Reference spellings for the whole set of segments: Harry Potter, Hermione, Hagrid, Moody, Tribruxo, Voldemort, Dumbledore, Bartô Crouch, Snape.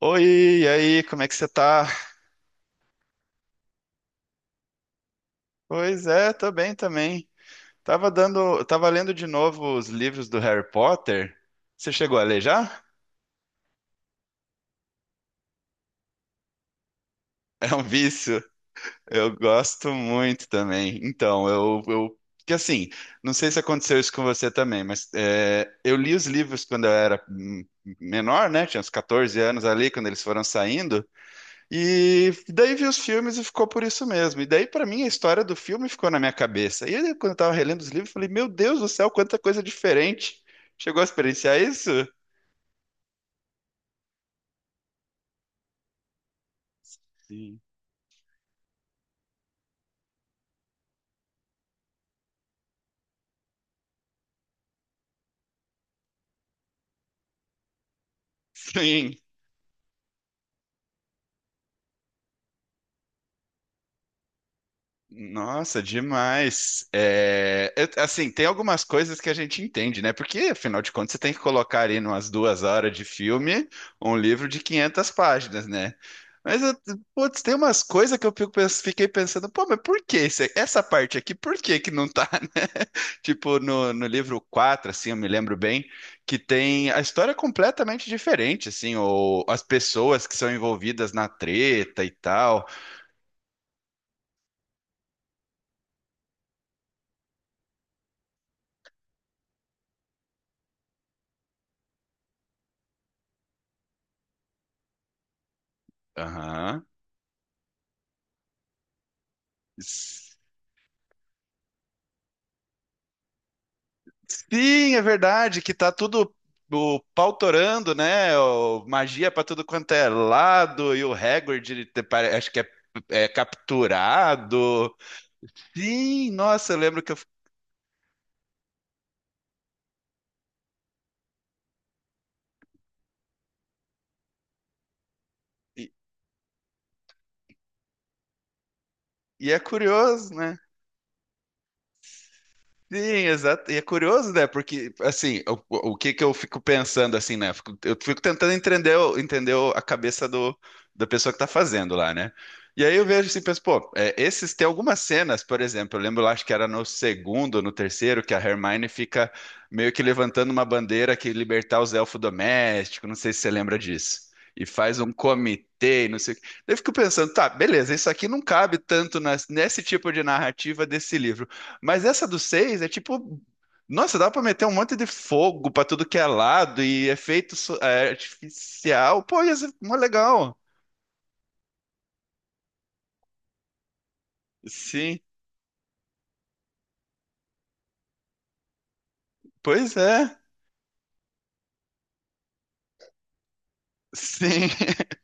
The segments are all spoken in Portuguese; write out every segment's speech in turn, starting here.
Oi, e aí, como é que você tá? Pois é, tô bem também. Tava lendo de novo os livros do Harry Potter. Você chegou a ler já? É um vício. Eu gosto muito também. Então, eu, que assim, não sei se aconteceu isso com você também, mas é, eu li os livros quando eu era menor, né? Tinha uns 14 anos ali, quando eles foram saindo. E daí vi os filmes e ficou por isso mesmo. E daí, pra mim, a história do filme ficou na minha cabeça. E aí, quando eu tava relendo os livros, eu falei: Meu Deus do céu, quanta coisa diferente. Chegou a experienciar isso? Sim. Sim. Nossa, demais. É, assim, tem algumas coisas que a gente entende, né? Porque, afinal de contas, você tem que colocar ali umas 2 horas de filme um livro de 500 páginas, né? Mas, putz, tem umas coisas que eu fiquei pensando, pô, mas essa parte aqui, por que que não tá, né? Tipo, no livro 4, assim, eu me lembro bem, que tem a história é completamente diferente, assim, ou as pessoas que são envolvidas na treta e tal. Aham. Sim, é verdade que tá tudo o pautorando, né? Magia pra tudo quanto é lado e o Hagrid, acho que é capturado. Sim, nossa, eu lembro que eu, e, e é curioso, né? Sim, exato. E é curioso, né? Porque, assim, o que que eu fico pensando, assim, né? Eu fico tentando entender, entender a cabeça da pessoa que tá fazendo lá, né? E aí eu vejo assim, penso, pô, é, esses, tem algumas cenas, por exemplo, eu lembro lá, acho que era no segundo, no terceiro, que a Hermione fica meio que levantando uma bandeira que libertar os elfos domésticos, não sei se você lembra disso. E faz um comitê, e não sei o quê. Daí eu fico pensando, tá, beleza, isso aqui não cabe nesse tipo de narrativa desse livro. Mas essa do 6 é tipo. Nossa, dá pra meter um monte de fogo pra tudo que é lado e efeito artificial. Pô, ia ser mó legal. Sim, pois é. Sim,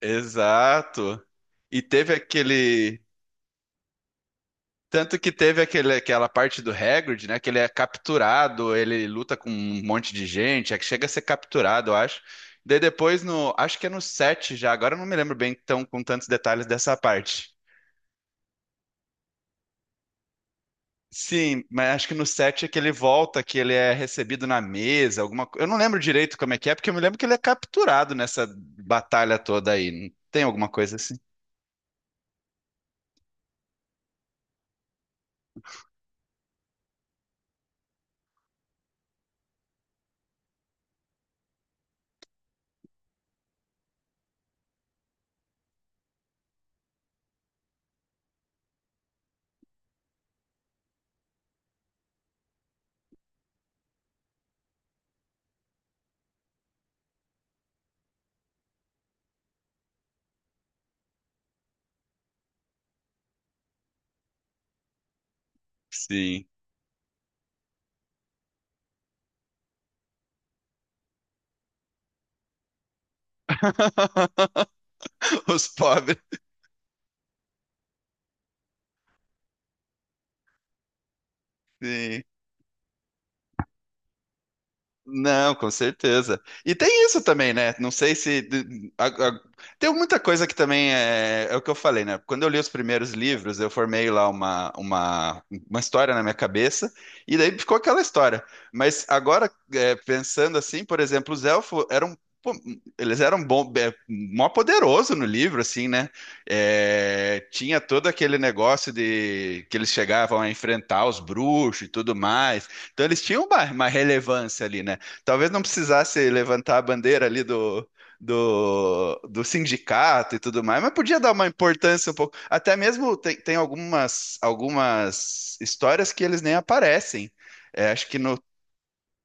exato. E teve aquele. Tanto que teve aquele, aquela parte do Hagrid, né? Que ele é capturado, ele luta com um monte de gente, é que chega a ser capturado, eu acho. Daí depois no. Acho que é no 7 já, agora eu não me lembro bem tão com tantos detalhes dessa parte. Sim, mas acho que no 7 é que ele volta, que ele é recebido na mesa, alguma coisa. Eu não lembro direito como é que é, porque eu me lembro que ele é capturado nessa batalha toda aí. Tem alguma coisa assim? Sim. Os pobres. Sim. Não, com certeza. E tem isso também, né? Não sei se. Tem muita coisa que também é o que eu falei, né? Quando eu li os primeiros livros, eu formei lá uma história na minha cabeça, e daí ficou aquela história. Mas agora, é, pensando assim, por exemplo, os elfos eram. Pô, eles eram bom, é, mó poderoso no livro, assim, né? É, tinha todo aquele negócio de que eles chegavam a enfrentar os bruxos e tudo mais. Então eles tinham uma relevância ali, né? Talvez não precisasse levantar a bandeira ali do sindicato e tudo mais, mas podia dar uma importância um pouco. Até mesmo tem algumas histórias que eles nem aparecem. É, acho que no,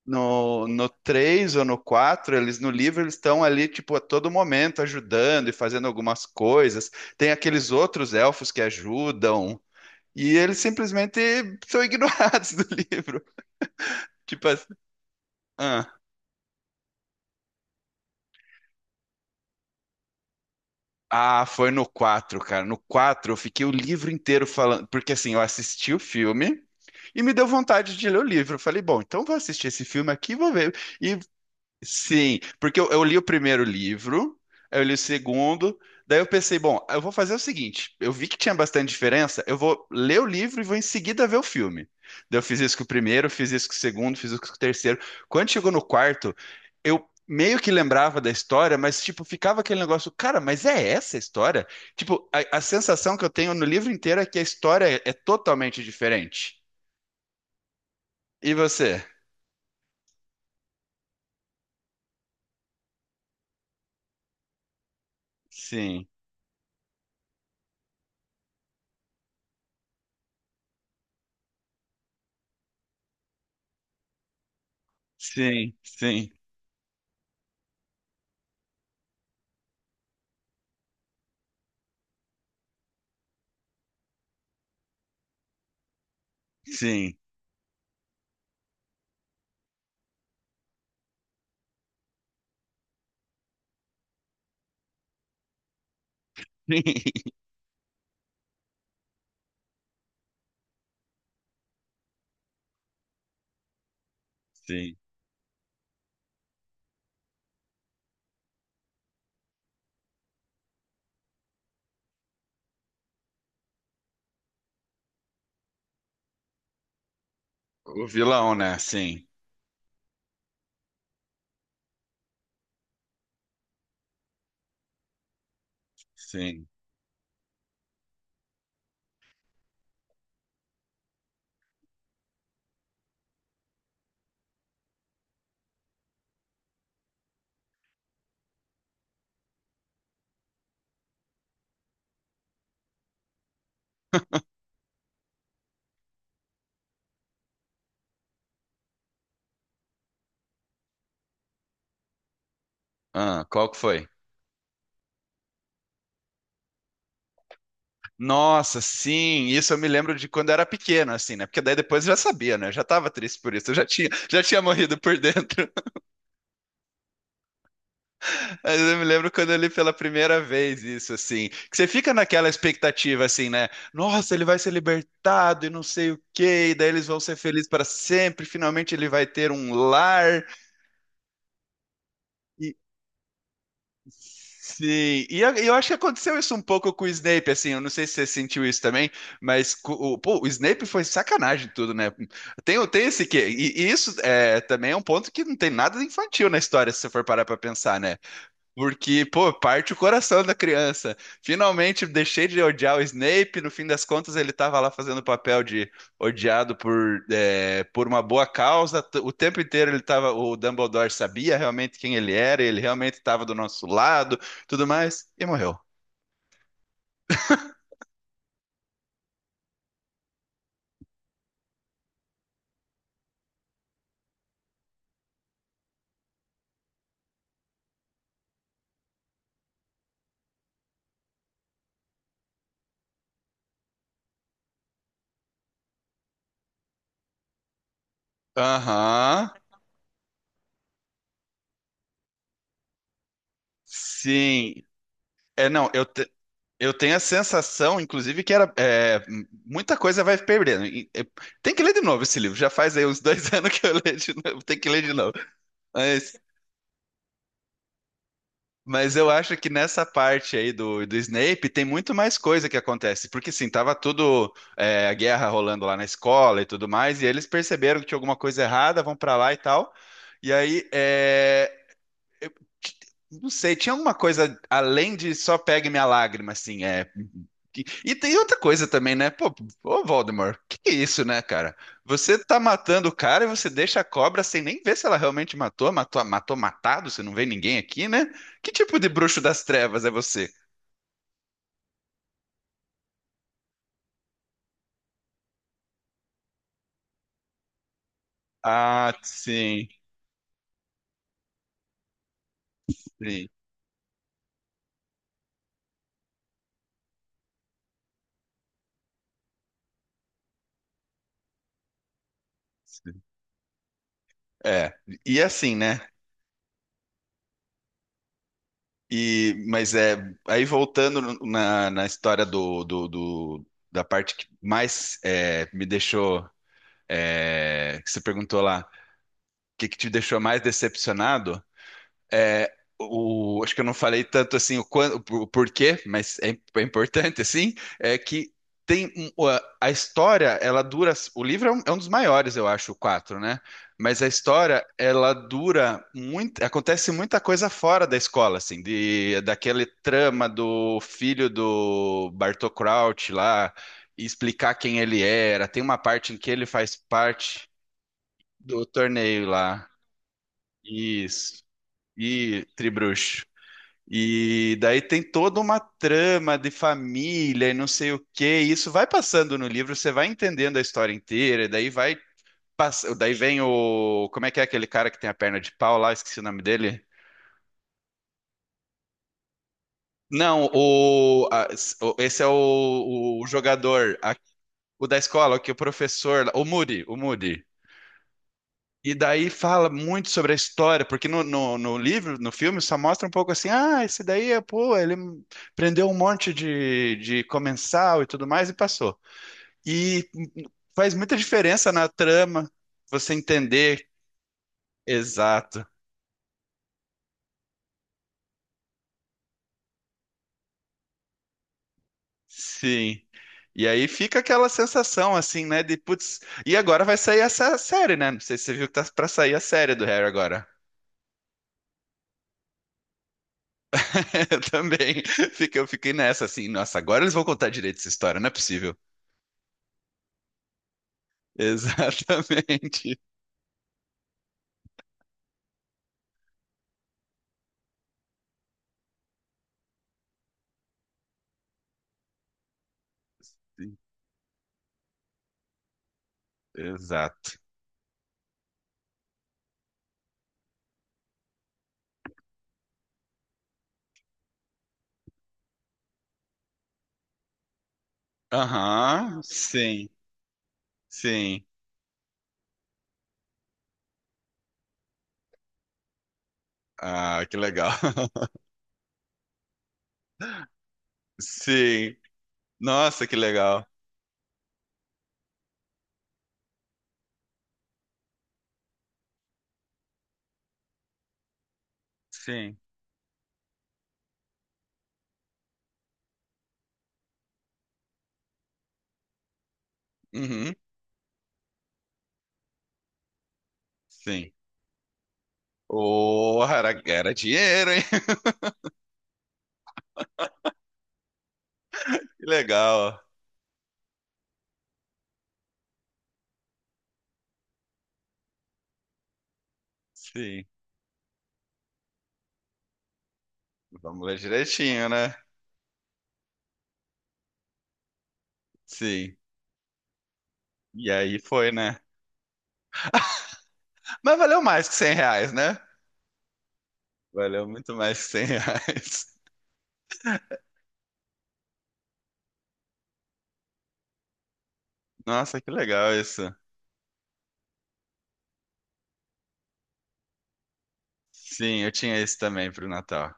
no, no 3 ou no 4 eles no livro eles estão ali, tipo, a todo momento ajudando e fazendo algumas coisas. Tem aqueles outros elfos que ajudam. E eles simplesmente são ignorados do livro. Tipo assim. ah. Ah, foi no 4, cara. No 4 eu fiquei o livro inteiro falando, porque assim, eu assisti o filme e me deu vontade de ler o livro. Eu falei, bom, então vou assistir esse filme aqui, e vou ver. E Sim, porque eu li o primeiro livro, aí eu li o segundo, daí eu pensei, bom, eu vou fazer o seguinte, eu vi que tinha bastante diferença, eu vou ler o livro e vou em seguida ver o filme. Daí eu fiz isso com o primeiro, fiz isso com o segundo, fiz isso com o terceiro. Quando chegou no quarto, eu meio que lembrava da história, mas tipo, ficava aquele negócio, cara, mas é essa a história? Tipo, a sensação que eu tenho no livro inteiro é que a história é totalmente diferente. E você? Sim, sim, sim, sim. Sim. O vilão, né? Sim, sim. Ah, qual que foi? Nossa, sim, isso eu me lembro de quando eu era pequeno, assim, né? Porque daí depois eu já sabia, né? Eu já tava triste por isso, eu já tinha morrido por dentro. Mas eu me lembro quando eu li pela primeira vez isso, assim, que você fica naquela expectativa, assim, né? Nossa, ele vai ser libertado e não sei o quê, e daí eles vão ser felizes para sempre, finalmente ele vai ter um lar. Sim, e eu acho que aconteceu isso um pouco com o Snape, assim, eu não sei se você sentiu isso também, mas pô, o Snape foi sacanagem tudo, né? Tem, tem esse quê, e isso é, também é um ponto que não tem nada de infantil na história, se você for parar pra pensar, né? Porque, pô, parte o coração da criança. Finalmente deixei de odiar o Snape. No fim das contas, ele estava lá fazendo o papel de odiado por, é, por uma boa causa. O tempo inteiro ele tava, o Dumbledore sabia realmente quem ele era, ele realmente estava do nosso lado, tudo mais, e morreu. Aham. Sim. É, não, eu tenho a sensação, inclusive, que era é, muita coisa vai perdendo. Tem que ler de novo esse livro. Já faz aí uns dois anos que eu leio de novo. Tem que ler de novo. Mas, mas eu acho que nessa parte aí do Snape tem muito mais coisa que acontece. Porque sim, tava tudo é, a guerra rolando lá na escola e tudo mais, e eles perceberam que tinha alguma coisa errada, vão pra lá e tal. E aí é, não sei, tinha alguma coisa além de só pegue minha lágrima, assim, é. E tem outra coisa também, né? Pô, ô Voldemort, que é isso, né, cara? Você tá matando o cara e você deixa a cobra sem nem ver se ela realmente matou, matou, matou matado, você não vê ninguém aqui, né? Que tipo de bruxo das trevas é você? Ah, sim, sim, sim. É, e assim, né? Mas é, aí voltando na história da parte que mais é, me deixou é, que você perguntou lá, o que, que te deixou mais decepcionado? É, acho que eu não falei tanto assim o porquê, mas é, é importante assim, é que a história, ela dura. O livro é um, dos maiores, eu acho, o quatro, né? Mas a história, ela dura muito. Acontece muita coisa fora da escola, assim, de daquele trama do filho do Bartô Crouch lá. E explicar quem ele era, tem uma parte em que ele faz parte do torneio lá. Isso. E Tribruxo. E daí tem toda uma trama de família e não sei o quê. E isso vai passando no livro, você vai entendendo a história inteira, e daí daí vem o como é que é aquele cara que tem a perna de pau lá, esqueci o nome dele. Não, o a- s- o- esse é o jogador, o da escola, o que o professor, o Moody, o Moody. E daí fala muito sobre a história, porque no livro, no filme, só mostra um pouco assim, ah, esse daí, é, pô, ele prendeu um monte de comensal e tudo mais e passou. E faz muita diferença na trama você entender. Exato. Sim. E aí fica aquela sensação assim, né, de putz, e agora vai sair essa série, né? Não sei se você viu que tá pra sair a série do Harry agora. Eu também. Eu fiquei nessa assim, nossa, agora eles vão contar direito essa história, não é possível. Exatamente. Sim, exato. Aham, sim, sim. Ah, que legal. Sim. Nossa, que legal. Sim. Uhum, sim. Oh, era dinheiro, hein? Que legal. Sim. Vamos ler direitinho, né? Sim. E aí foi, né? Mas valeu mais que R$ 100, né? Valeu muito mais que R$ 100. Nossa, que legal isso. Sim, eu tinha esse também pro Natal.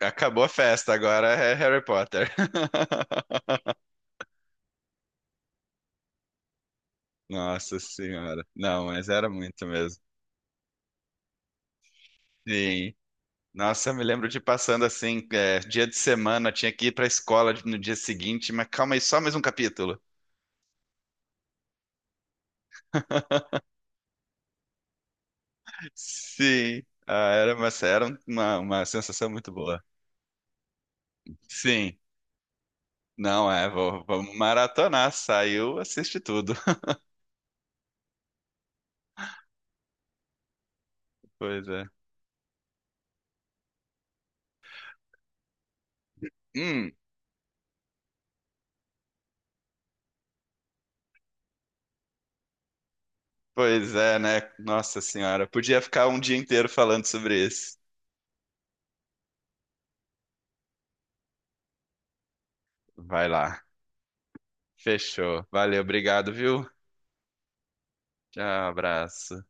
Acabou a festa, agora é Harry Potter. Nossa senhora. Não, mas era muito mesmo. Sim. Nossa, eu me lembro de passando assim, é, dia de semana, tinha que ir pra escola no dia seguinte, mas calma aí, só mais um capítulo. Sim. Ah, uma sensação muito boa. Sim. Não, é, vamos maratonar. Saiu, assiste tudo. Pois é. Hum, pois é, né? Nossa senhora. Podia ficar um dia inteiro falando sobre isso. Vai lá. Fechou. Valeu, obrigado, viu? Tchau, abraço.